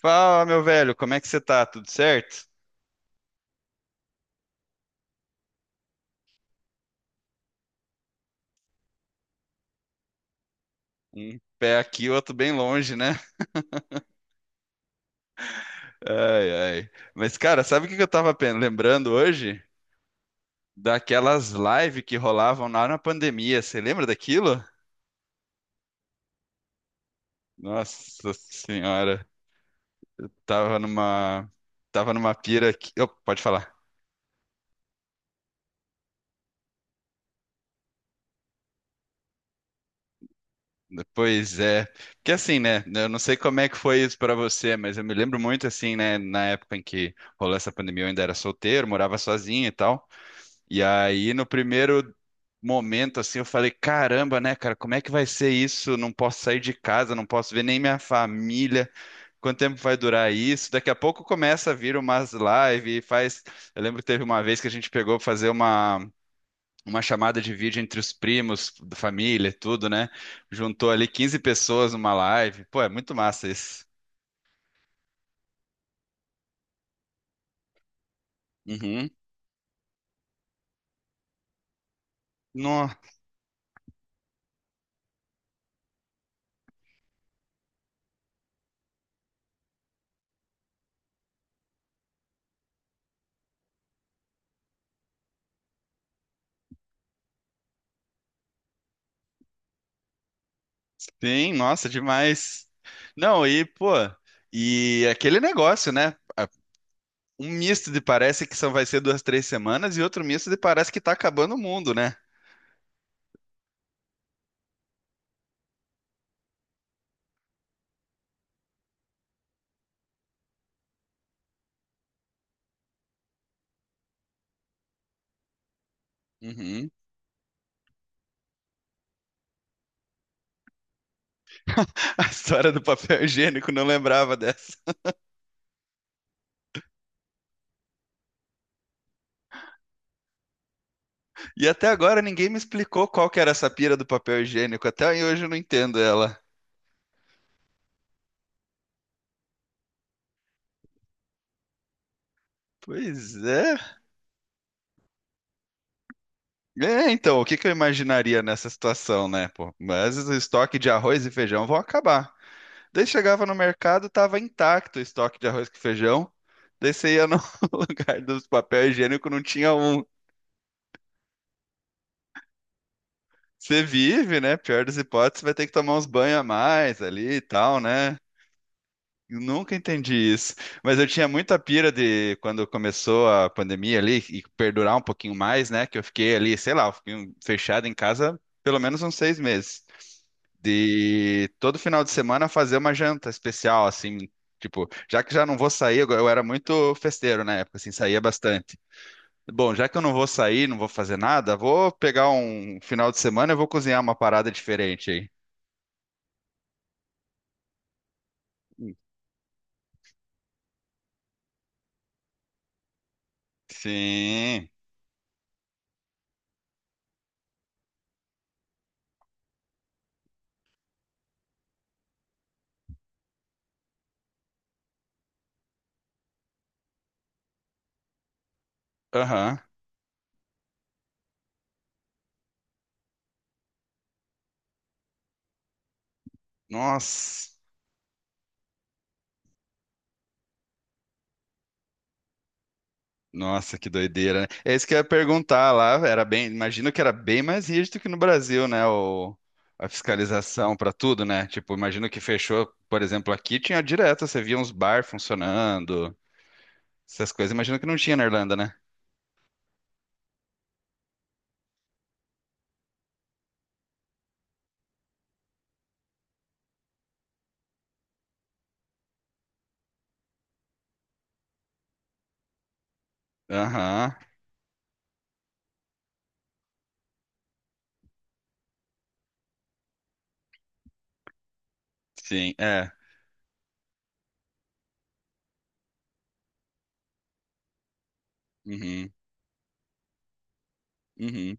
Fala, meu velho, como é que você tá? Tudo certo? Um pé aqui, outro bem longe, né? Ai, ai. Mas, cara, sabe o que que eu tava lembrando hoje? Daquelas lives que rolavam lá na pandemia. Você lembra daquilo? Nossa senhora, tava numa, tava numa pira aqui. Ô, pode falar. Pois é. Porque assim, né? Eu não sei como é que foi isso pra você, mas eu me lembro muito assim, né? Na época em que rolou essa pandemia, eu ainda era solteiro, morava sozinho e tal. E aí, no primeiro momento, assim, eu falei: caramba, né, cara, como é que vai ser isso? Não posso sair de casa, não posso ver nem minha família. Quanto tempo vai durar isso? Daqui a pouco começa a vir umas lives, faz. Eu lembro que teve uma vez que a gente pegou pra fazer uma chamada de vídeo entre os primos, da família, e tudo, né? Juntou ali 15 pessoas numa live. Pô, é muito massa isso. Uhum. No. Sim, nossa, demais. Não, e, pô, e aquele negócio, né? Um misto de parece que só vai ser 2, 3 semanas e outro misto de parece que tá acabando o mundo, né? Uhum. A história do papel higiênico, não lembrava dessa. E até agora ninguém me explicou qual que era essa pira do papel higiênico. Até hoje eu não entendo ela. Pois é. É, então, o que que eu imaginaria nessa situação, né, pô? Mas o estoque de arroz e feijão vão acabar. Daí chegava no mercado, tava intacto o estoque de arroz e feijão. Daí você ia no lugar dos papel higiênico, não tinha um. Você vive, né? Pior das hipóteses, vai ter que tomar uns banhos a mais ali e tal, né? Eu nunca entendi isso. Mas eu tinha muita pira de quando começou a pandemia ali e perdurar um pouquinho mais, né? Que eu fiquei ali, sei lá, eu fiquei fechado em casa pelo menos uns 6 meses. De todo final de semana fazer uma janta especial, assim. Tipo, já que já não vou sair, eu era muito festeiro na época, assim, saía bastante. Bom, já que eu não vou sair, não vou fazer nada, vou pegar um final de semana e vou cozinhar uma parada diferente aí. Sim. Aham. Nossa. Nossa, que doideira, né? É isso que eu ia perguntar lá. Era bem, imagino que era bem mais rígido que no Brasil, né? O, a fiscalização para tudo, né? Tipo, imagino que fechou, por exemplo, aqui tinha direto, você via uns bar funcionando, essas coisas. Imagino que não tinha na Irlanda, né? Aham. Sim, é. Uhum, uhum,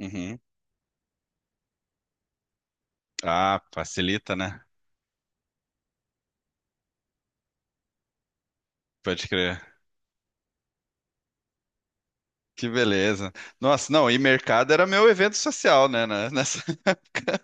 uhum. Ah, facilita, né? Pode crer. Que beleza. Nossa, não, e mercado era meu evento social, né? Nessa época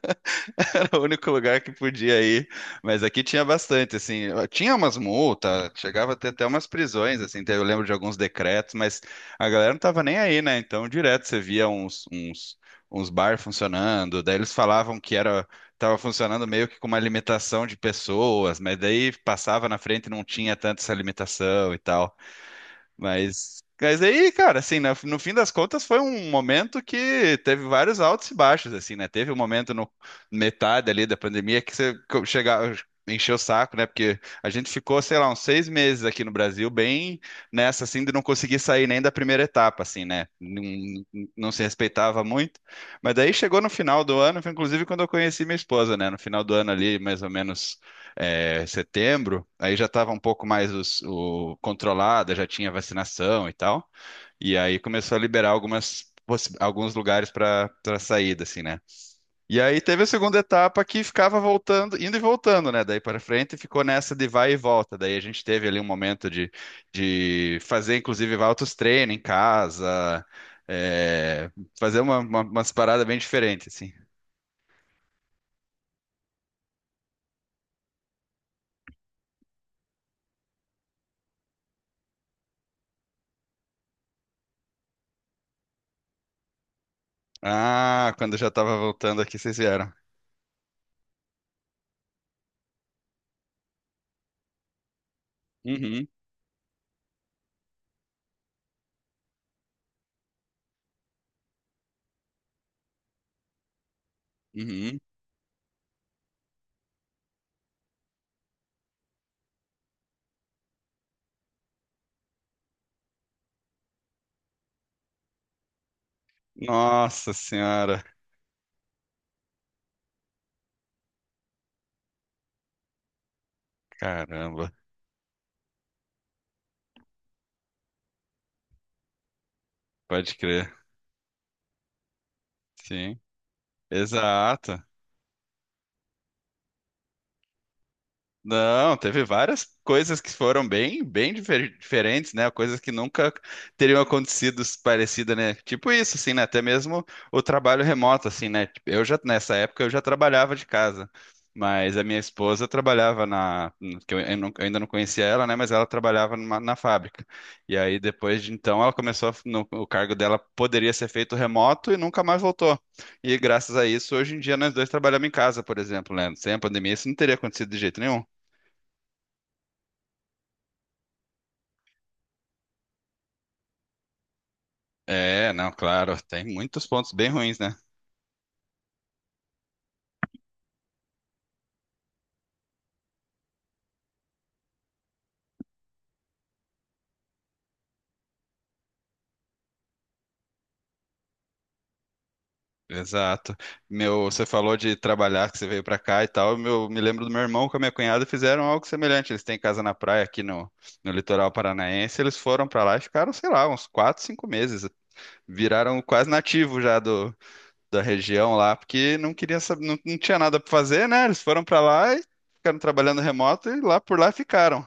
era o único lugar que podia ir. Mas aqui tinha bastante, assim. Tinha umas multas, chegava a ter até umas prisões, assim. Eu lembro de alguns decretos, mas a galera não tava nem aí, né? Então, direto você via uns bar funcionando. Daí eles falavam que era, tava funcionando meio que com uma limitação de pessoas, mas daí passava na frente e não tinha tanto essa limitação e tal. Mas aí, cara, assim, no fim das contas foi um momento que teve vários altos e baixos, assim, né? Teve um momento no metade ali da pandemia que você chegava, encheu o saco, né? Porque a gente ficou, sei lá, uns 6 meses aqui no Brasil, bem nessa, assim, de não conseguir sair nem da primeira etapa, assim, né? Não, não se respeitava muito. Mas daí chegou no final do ano, foi inclusive quando eu conheci minha esposa, né? No final do ano ali, mais ou menos setembro, aí já estava um pouco mais controlada, já tinha vacinação e tal. E aí começou a liberar alguns lugares para saída, assim, né? E aí teve a segunda etapa que ficava voltando, indo e voltando, né? Daí para frente ficou nessa de vai e volta. Daí a gente teve ali um momento de fazer, inclusive, altos treinos em casa, é, fazer umas paradas bem diferentes, assim. Ah, quando eu já estava voltando aqui, vocês vieram. Uhum, uhum. Nossa senhora, caramba, pode crer. Sim, exato. Não, teve várias coisas que foram bem, bem diferentes, né? Coisas que nunca teriam acontecido parecida, né? Tipo isso, assim, né? Até mesmo o trabalho remoto, assim, né? Tipo, eu já nessa época eu já trabalhava de casa, mas a minha esposa trabalhava na, que eu ainda não conhecia ela, né? Mas ela trabalhava na fábrica. E aí depois de então ela começou o cargo dela poderia ser feito remoto e nunca mais voltou. E graças a isso hoje em dia nós dois trabalhamos em casa, por exemplo, né? Sem a pandemia isso não teria acontecido de jeito nenhum. É, não, claro, tem muitos pontos bem ruins, né? Exato. Meu, você falou de trabalhar, que você veio pra cá e tal. Meu, me lembro do meu irmão com a minha cunhada fizeram algo semelhante. Eles têm casa na praia aqui no litoral paranaense. Eles foram pra lá e ficaram, sei lá, uns 4, 5 meses. Viraram quase nativos já do, da região lá, porque não queria saber, não, não tinha nada pra fazer, né? Eles foram pra lá e ficaram trabalhando remoto e lá por lá ficaram.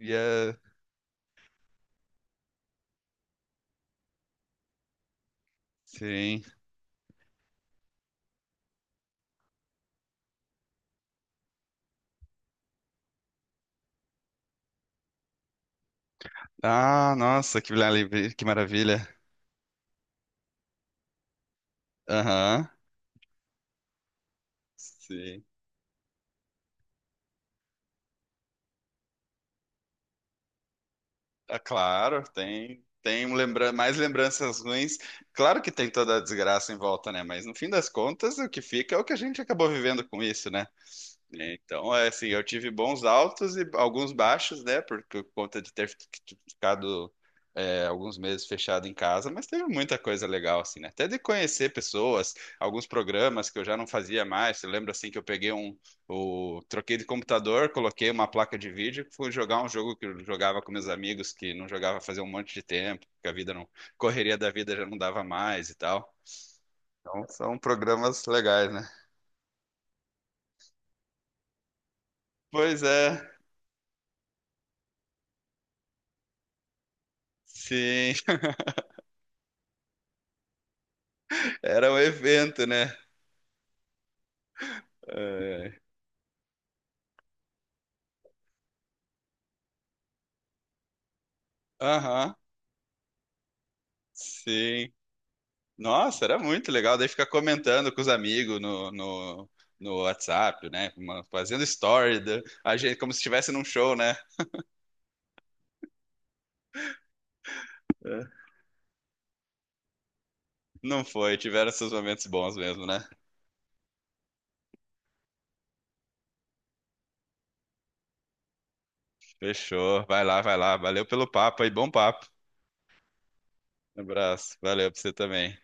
E é, sim. Ah, nossa, que maravilha. Que maravilha. Aham. Sim. Ah, claro, tem um lembra mais lembranças ruins. Claro que tem toda a desgraça em volta, né? Mas no fim das contas, o que fica é o que a gente acabou vivendo com isso, né? Então, é assim, eu tive bons altos e alguns baixos, né? Por conta de ter ficado alguns meses fechado em casa, mas teve muita coisa legal, assim, né? Até de conhecer pessoas, alguns programas que eu já não fazia mais. Eu lembro, assim, que eu peguei um. O, troquei de computador, coloquei uma placa de vídeo, fui jogar um jogo que eu jogava com meus amigos, que não jogava fazia um monte de tempo, que a vida não. Correria da vida já não dava mais e tal. Então, são programas legais, né? Pois é, sim. Era o evento, né? É. Aham, sim. Nossa, era muito legal. Daí ficar comentando com os amigos no WhatsApp, né? Fazendo story, a gente, como se estivesse num show, né? É. Não foi, tiveram seus momentos bons mesmo, né? Fechou. Vai lá, vai lá. Valeu pelo papo aí, bom papo. Um abraço. Valeu pra você também.